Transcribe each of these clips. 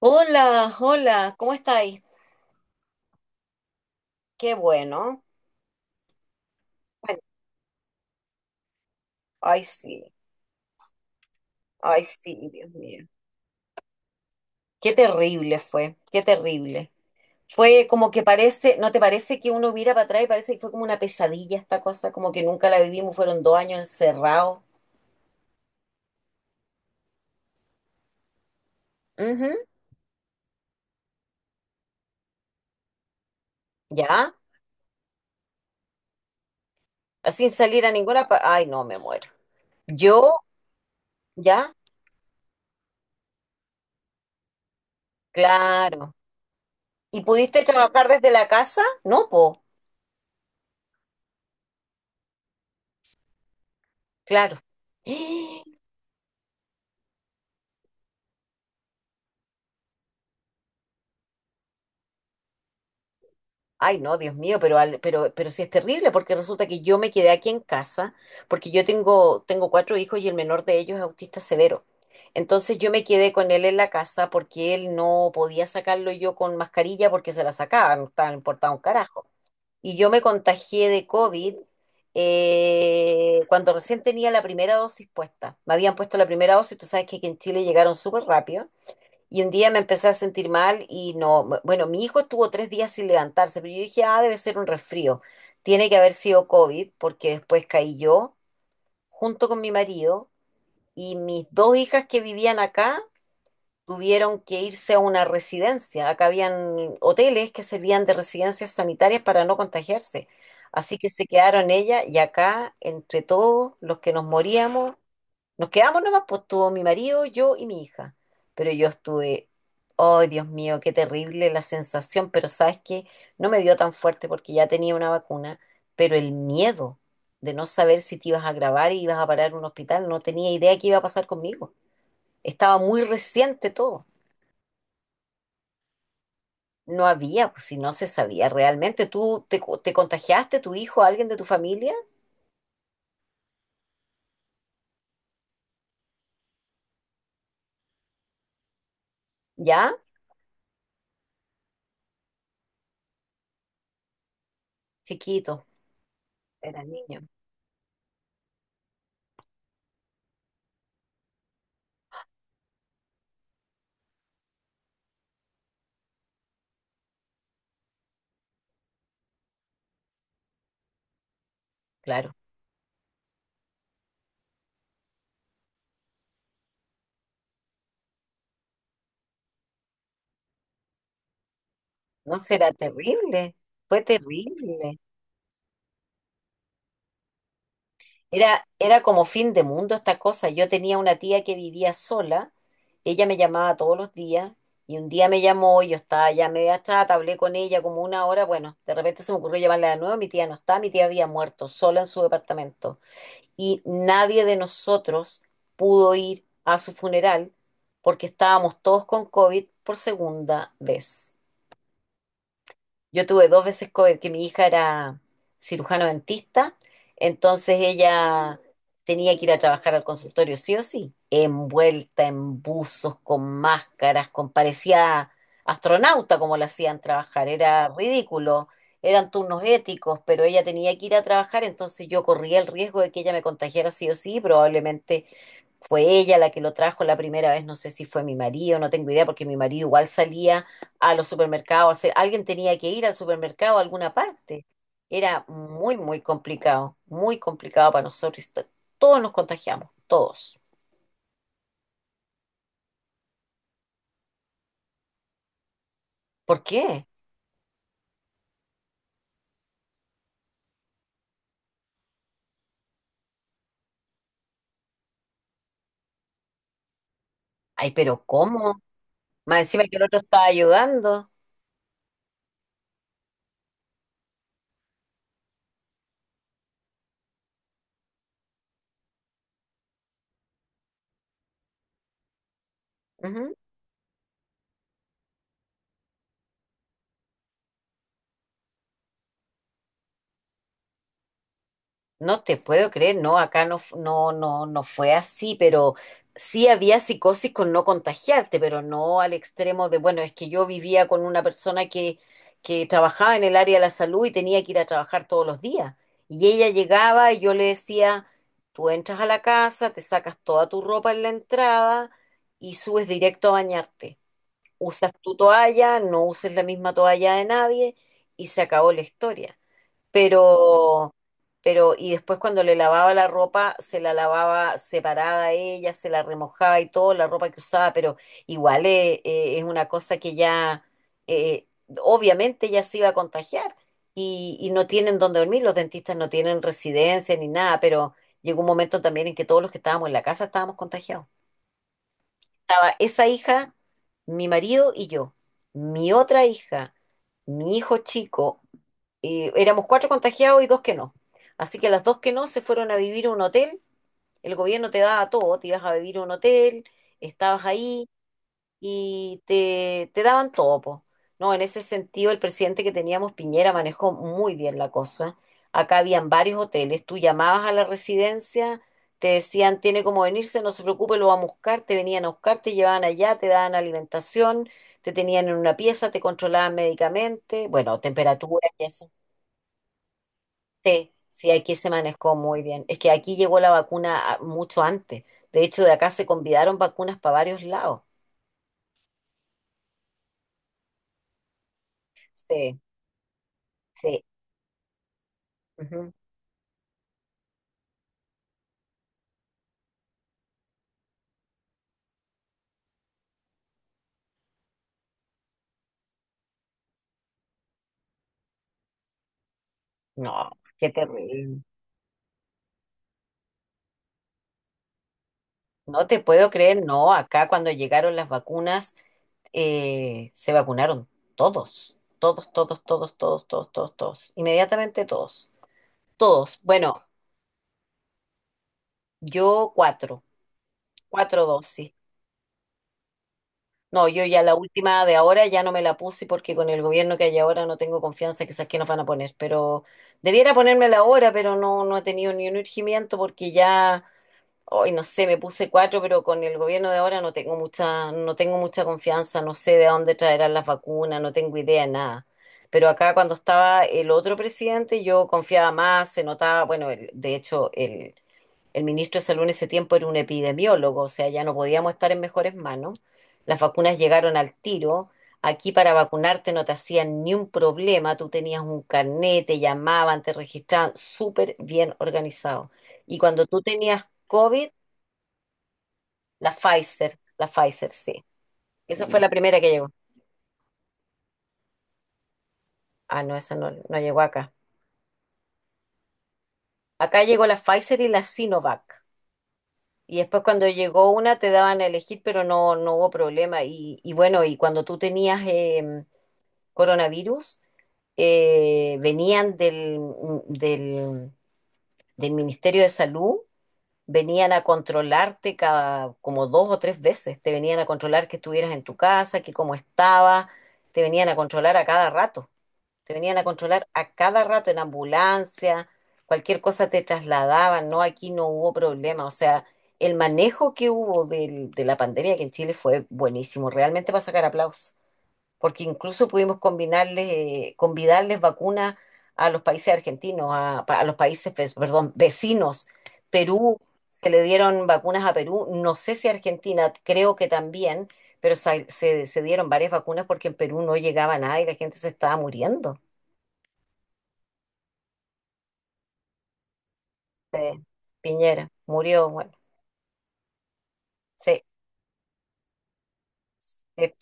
Hola, hola, ¿cómo estáis? Qué bueno. Ay, ay, sí, ay, sí, Dios mío. Qué terrible. Fue como que parece, ¿no te parece que uno mira para atrás y parece que fue como una pesadilla esta cosa? Como que nunca la vivimos, fueron 2 años encerrados. Ujú. ¿Ya? Sin salir a ninguna parte. Ay, no, me muero. ¿Yo? ¿Ya? Claro. ¿Y pudiste trabajar desde la casa? No, po, claro. Ay, no, Dios mío, pero, sí es terrible porque resulta que yo me quedé aquí en casa porque yo tengo cuatro hijos y el menor de ellos es autista severo. Entonces yo me quedé con él en la casa porque él no podía sacarlo yo con mascarilla porque se la sacaba, no estaba importado un carajo. Y yo me contagié de COVID cuando recién tenía la primera dosis puesta. Me habían puesto la primera dosis, tú sabes que aquí en Chile llegaron súper rápido. Y un día me empecé a sentir mal y no, bueno, mi hijo estuvo 3 días sin levantarse, pero yo dije, ah, debe ser un resfrío. Tiene que haber sido COVID porque después caí yo junto con mi marido y mis dos hijas que vivían acá tuvieron que irse a una residencia. Acá habían hoteles que servían de residencias sanitarias para no contagiarse. Así que se quedaron ellas y acá, entre todos los que nos moríamos, nos quedamos nomás, pues estuvo mi marido, yo y mi hija. Pero yo estuve, oh, Dios mío, qué terrible la sensación, pero sabes que no me dio tan fuerte porque ya tenía una vacuna, pero el miedo de no saber si te ibas a grabar y ibas a parar en un hospital, no tenía idea qué iba a pasar conmigo. Estaba muy reciente todo. No había, pues si no se sabía realmente. ¿Tú te contagiaste, tu hijo, alguien de tu familia? ¿Ya? Chiquito, era niño, claro. No será terrible. Fue terrible. Era como fin de mundo esta cosa. Yo tenía una tía que vivía sola, ella me llamaba todos los días y un día me llamó y yo estaba ya media chata, hablé con ella como una hora, bueno, de repente se me ocurrió llamarla de nuevo, mi tía no está, mi tía había muerto sola en su departamento y nadie de nosotros pudo ir a su funeral porque estábamos todos con COVID por segunda vez. Yo tuve dos veces COVID, que mi hija era cirujano dentista, entonces ella tenía que ir a trabajar al consultorio sí o sí, envuelta en buzos, con máscaras, con parecía astronauta como la hacían trabajar, era ridículo, eran turnos éticos, pero ella tenía que ir a trabajar, entonces yo corría el riesgo de que ella me contagiara sí o sí, probablemente fue ella la que lo trajo la primera vez, no sé si fue mi marido, no tengo idea, porque mi marido igual salía a los supermercados, a hacer, alguien tenía que ir al supermercado a alguna parte. Era muy, muy complicado para nosotros. Todos nos contagiamos, todos. ¿Por qué? Ay, pero ¿cómo? Más encima que el otro estaba ayudando. No te puedo creer, no, acá no, no, no, no fue así, pero sí había psicosis con no contagiarte, pero no al extremo de, bueno, es que yo vivía con una persona que trabajaba en el área de la salud y tenía que ir a trabajar todos los días. Y ella llegaba y yo le decía, tú entras a la casa, te sacas toda tu ropa en la entrada y subes directo a bañarte. Usas tu toalla, no uses la misma toalla de nadie y se acabó la historia, pero, y después cuando le lavaba la ropa, se la lavaba separada a ella, se la remojaba y todo, la ropa que usaba, pero igual es una cosa que ya, eh, obviamente ya se iba a contagiar no tienen dónde dormir, los dentistas no tienen residencia ni nada, pero llegó un momento también en que todos los que estábamos en la casa estábamos contagiados. Estaba esa hija, mi marido y yo, mi otra hija, mi hijo chico, y éramos cuatro contagiados y dos que no. Así que las dos que no se fueron a vivir a un hotel. El gobierno te daba todo, te ibas a vivir a un hotel, estabas ahí y te daban todo, po. No, en ese sentido, el presidente que teníamos, Piñera, manejó muy bien la cosa. Acá habían varios hoteles, tú llamabas a la residencia, te decían, tiene como venirse, no se preocupe, lo vamos a buscar, te venían a buscar, te llevaban allá, te daban alimentación, te tenían en una pieza, te controlaban médicamente, bueno, temperatura y eso. Sí, sí, aquí se manejó muy bien. Es que aquí llegó la vacuna mucho antes. De hecho, de acá se convidaron vacunas para varios lados. Sí, sí. Ujú. No, qué terrible. No te puedo creer, no. Acá cuando llegaron las vacunas, se vacunaron todos, todos, todos, todos, todos, todos, todos, todos. Inmediatamente todos, todos. Bueno, yo cuatro, dosis. No, yo ya la última de ahora ya no me la puse porque con el gobierno que hay ahora no tengo confianza, quizás que nos van a poner, pero debiera ponérmela ahora, pero no, no he tenido ni un urgimiento porque ya, hoy no sé, me puse cuatro, pero con el gobierno de ahora no tengo mucha confianza, no sé de dónde traerán las vacunas, no tengo idea de nada. Pero acá cuando estaba el otro presidente yo confiaba más, se notaba, bueno, de hecho el ministro de Salud en ese tiempo era un epidemiólogo, o sea, ya no podíamos estar en mejores manos. Las vacunas llegaron al tiro. Aquí para vacunarte no te hacían ni un problema, tú tenías un carnet, te llamaban, te registraban, súper bien organizado. Y cuando tú tenías COVID, la Pfizer, sí. Esa fue la primera que llegó. Ah, no, esa no, no llegó acá. Acá llegó la Pfizer y la Sinovac. Y después cuando llegó una te daban a elegir, pero no, no hubo problema. Y bueno, y cuando tú tenías coronavirus venían del, del Ministerio de Salud, venían a controlarte cada como dos o tres veces, te venían a controlar que estuvieras en tu casa, que cómo estabas, te venían a controlar a cada rato, te venían a controlar a cada rato en ambulancia, cualquier cosa te trasladaban, no, aquí no hubo problema, o sea, el manejo que hubo de la pandemia aquí en Chile fue buenísimo, realmente para sacar aplausos porque incluso pudimos combinarles, convidarles vacunas a los países argentinos, a los países, pues, perdón, vecinos. Perú, se le dieron vacunas a Perú, no sé si a Argentina, creo que también, pero se dieron varias vacunas porque en Perú no llegaba nada y la gente se estaba muriendo. Sí, Piñera murió, bueno, sí, sí,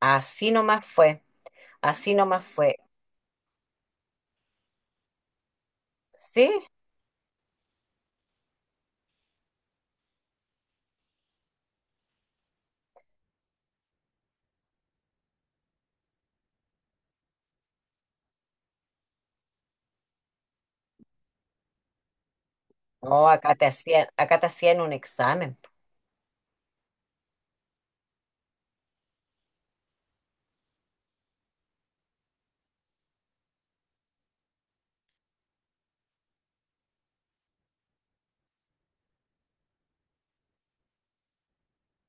así nomás fue, así nomás fue. ¿Sí? No, acá te hacían un examen,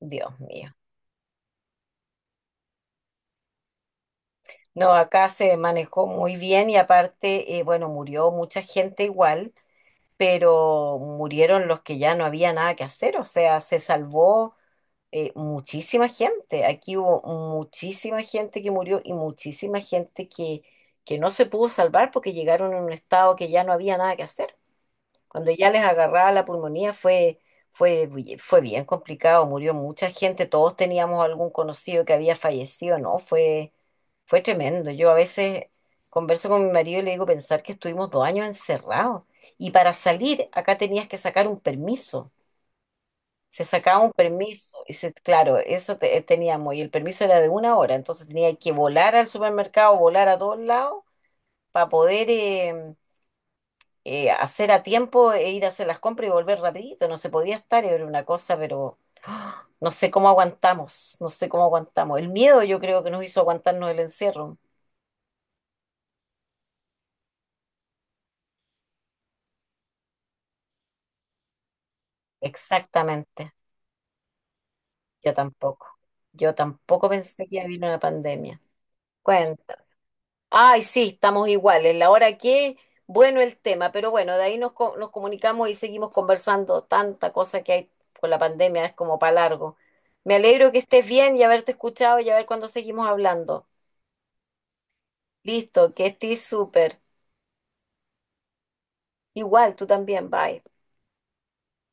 Dios mío. No, acá se manejó muy bien y aparte, bueno, murió mucha gente igual, pero murieron los que ya no había nada que hacer, o sea, se salvó muchísima gente. Aquí hubo muchísima gente que murió y muchísima gente que no se pudo salvar porque llegaron en un estado que ya no había nada que hacer. Cuando ya les agarraba la pulmonía fue, fue bien complicado, murió mucha gente, todos teníamos algún conocido que había fallecido, ¿no? Fue tremendo. Yo a veces converso con mi marido y le digo pensar que estuvimos 2 años encerrados y para salir acá tenías que sacar un permiso. Se sacaba un permiso y claro, teníamos y el permiso era de una hora, entonces tenía que volar al supermercado, volar a todos lados para poder hacer a tiempo e ir a hacer las compras y volver rapidito. No se podía estar, era una cosa, pero ¡ah!, no sé cómo aguantamos, no sé cómo aguantamos. El miedo yo creo que nos hizo aguantarnos el encierro. Exactamente, yo tampoco. Yo tampoco pensé que iba a venir una pandemia. Cuenta. Ay, sí, estamos iguales. La hora que, bueno el tema, pero bueno, de ahí nos comunicamos y seguimos conversando. Tanta cosa que hay con la pandemia es como para largo. Me alegro que estés bien y haberte escuchado y a ver cuándo seguimos hablando. Listo, que estés súper. Igual, tú también, bye.